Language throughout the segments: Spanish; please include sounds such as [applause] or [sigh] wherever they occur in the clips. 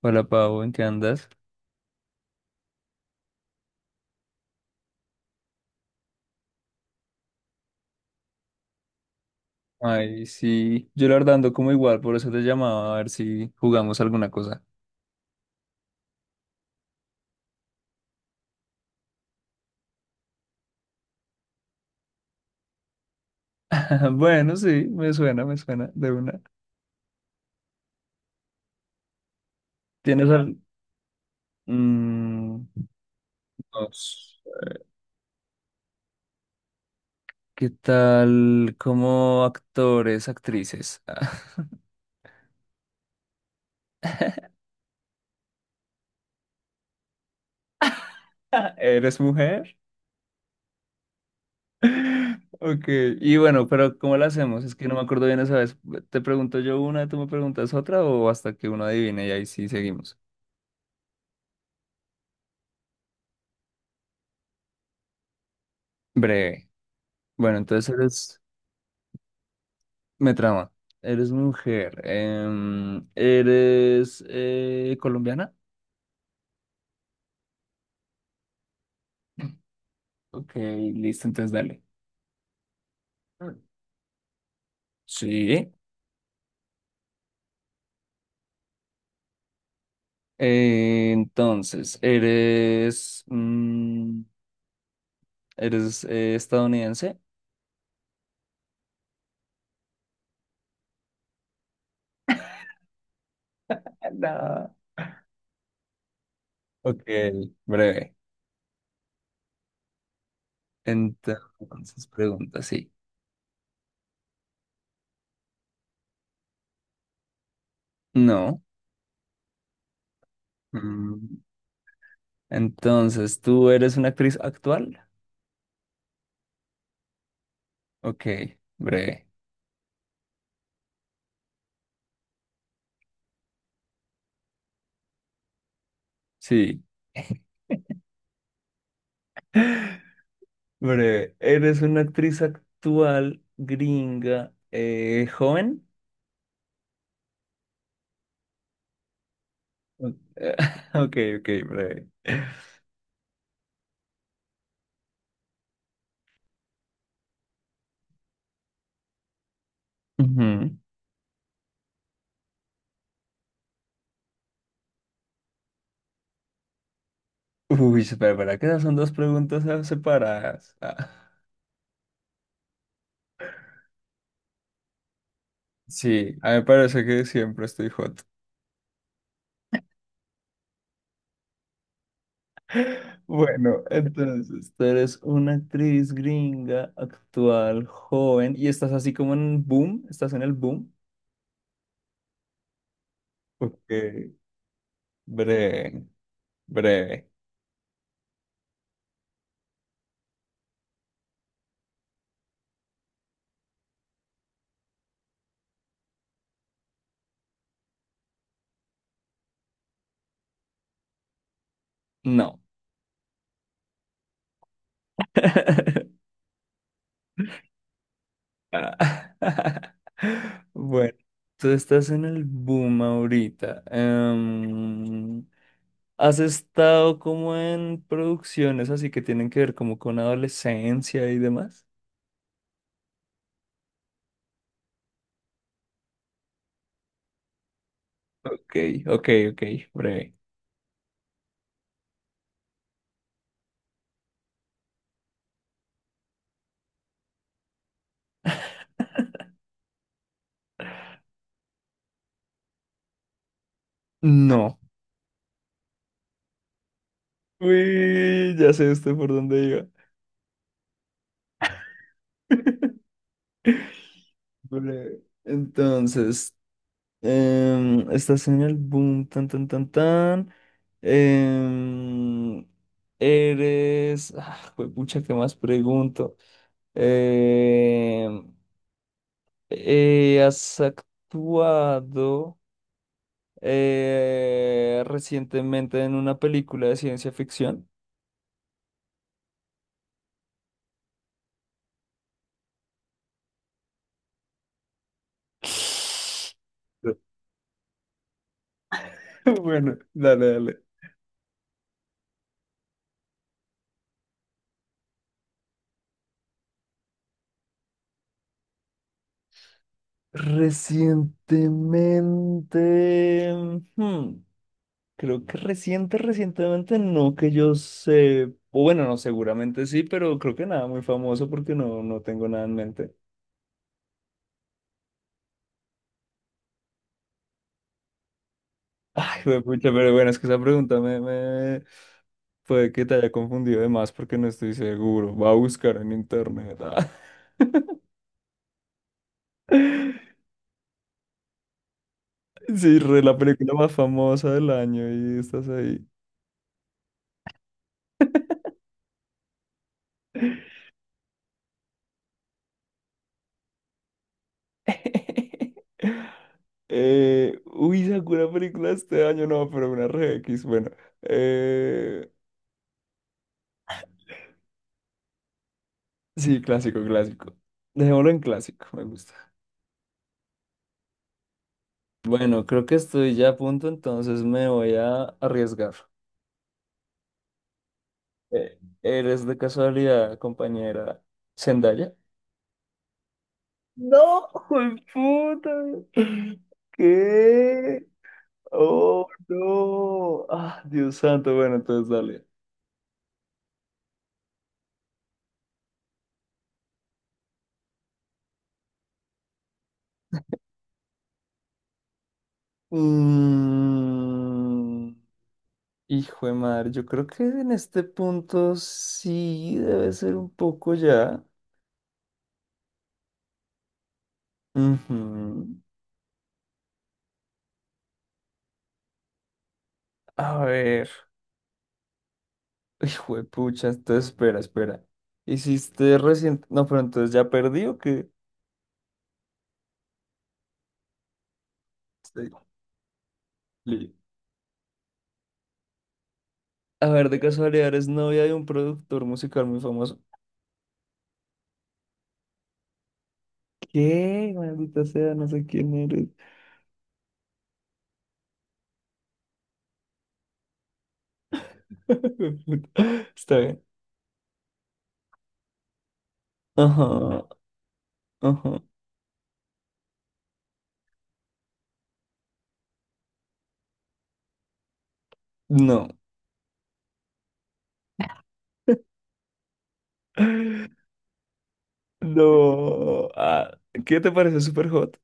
Hola Pau, ¿en qué andas? Ay, sí, yo la verdad ando como igual, por eso te llamaba a ver si jugamos alguna cosa. [laughs] Bueno, sí, me suena, de una. ¿Tienes al... mm, no sé. ¿Qué tal como actores, actrices? [laughs] ¿Eres mujer? [laughs] Ok, y bueno, pero ¿cómo la hacemos? Es que no me acuerdo bien esa vez. ¿Te pregunto yo una, tú me preguntas otra o hasta que uno adivine y ahí sí seguimos? Breve. Bueno, entonces eres... Me trama. Eres mujer. Eres colombiana. Ok, listo, entonces dale. Mm. Sí. Entonces, eres eres estadounidense. No. Ok, breve. Entonces, pregunta, sí. No. Mm, entonces, ¿tú eres una actriz actual? Ok, breve. Sí. [laughs] Breve, eres una actriz actual, gringa, joven. Ok, [laughs] ok, ok, breve. Ujú. Uy, espera, espera, que esas son dos preguntas separadas. Ah, sí, a mí me parece que siempre estoy hot. [laughs] Bueno, entonces, tú eres una actriz gringa, actual, joven, y estás así como en boom, estás en el boom. Ok, breve, breve. No. [laughs] Ah. [laughs] Bueno, tú estás en el boom ahorita. ¿Has estado como en producciones así que tienen que ver como con adolescencia y demás? Ok, ok, ok, breve. No. Uy, ya sé usted por dónde iba. [laughs] Breve. Entonces, estás en el boom, tan, tan, tan, tan. Em, Eres. Ah, pucha, ¿qué más pregunto? Em, ¿Has actuado recientemente en una película de ciencia ficción? [laughs] Bueno, dale, dale. Recientemente. Hmm. Creo que reciente, recientemente no que yo sé, o bueno, no, seguramente sí, pero creo que nada muy famoso porque no, no tengo nada en mente. [laughs] Ay, pucha, pero bueno, es que esa pregunta puede que te haya confundido de más porque no estoy seguro. Va a buscar en internet. Ah. [laughs] Sí, re, la película más famosa del año y estás ahí. [laughs] Uy, sacó una película este año, no, pero una re X, bueno. Eh, sí, clásico, clásico. Dejémoslo en clásico, me gusta. Bueno, creo que estoy ya a punto, entonces me voy a arriesgar. ¿Eres de casualidad, compañera Zendaya? No, puta. ¿Qué? Oh, no. Ah, Dios santo. Bueno, entonces dale. Mm, hijo de madre, yo creo que en este punto sí debe ser un poco ya. Ujú. A ver. [laughs] Hijo de pucha, entonces espera, espera. Hiciste recién. No, pero entonces ¿ya perdí o qué? Sí. Li- A ver, de casualidad eres novia de un productor musical muy famoso. ¿Qué? Maldita sea, no sé quién eres. [laughs] Hijo de puta. Está bien. Ajá, ajá. No. [laughs] No. Ah, ¿qué te parece súper hot?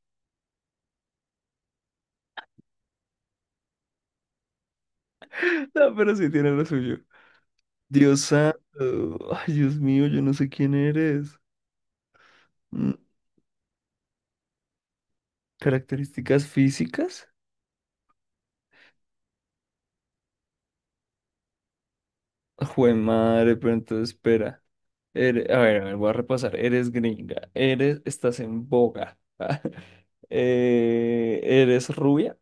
[laughs] No, pero sí tiene lo suyo. Dios santo. Ay, Dios mío, yo no sé quién eres. Características físicas. Jue madre, pero entonces espera. Ere- a ver, voy a repasar. Eres gringa. Eres, estás en boga. [laughs] Eres rubia.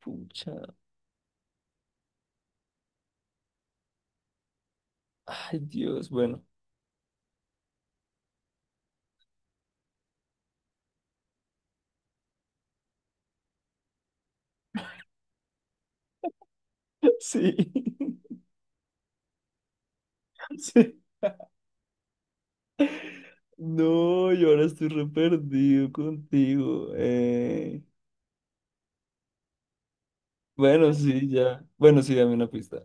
Pucha. Ay, Dios, bueno. [laughs] Sí. [laughs] Sí. No, yo ahora estoy re perdido contigo. Bueno, sí, ya. Bueno, sí, dame una pista.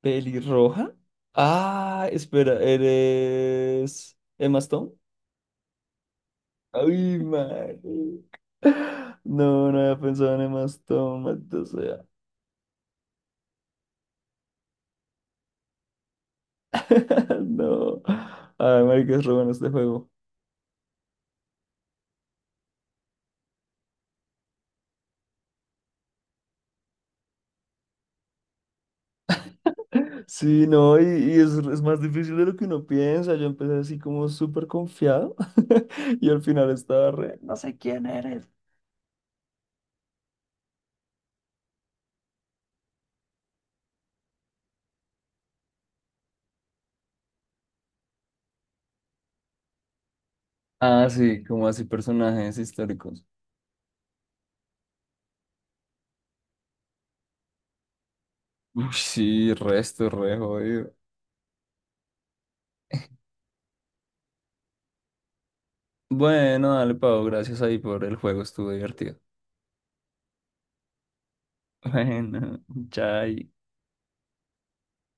¿Pelirroja? Ah, espera, ¿eres Emma Stone? Ay, madre. No, no había pensado en Emma Stone, maldita sea. [laughs] No. Ay, marica, es re bueno este juego. Sí, no, y es más difícil de lo que uno piensa. Yo empecé así como súper confiado [laughs] y al final estaba re, no sé quién eres. Ah, sí, como así personajes históricos. Uy, sí, resto, re jodido. Bueno, dale, Pau, gracias ahí por el juego, estuvo divertido. [laughs] Bueno, chai.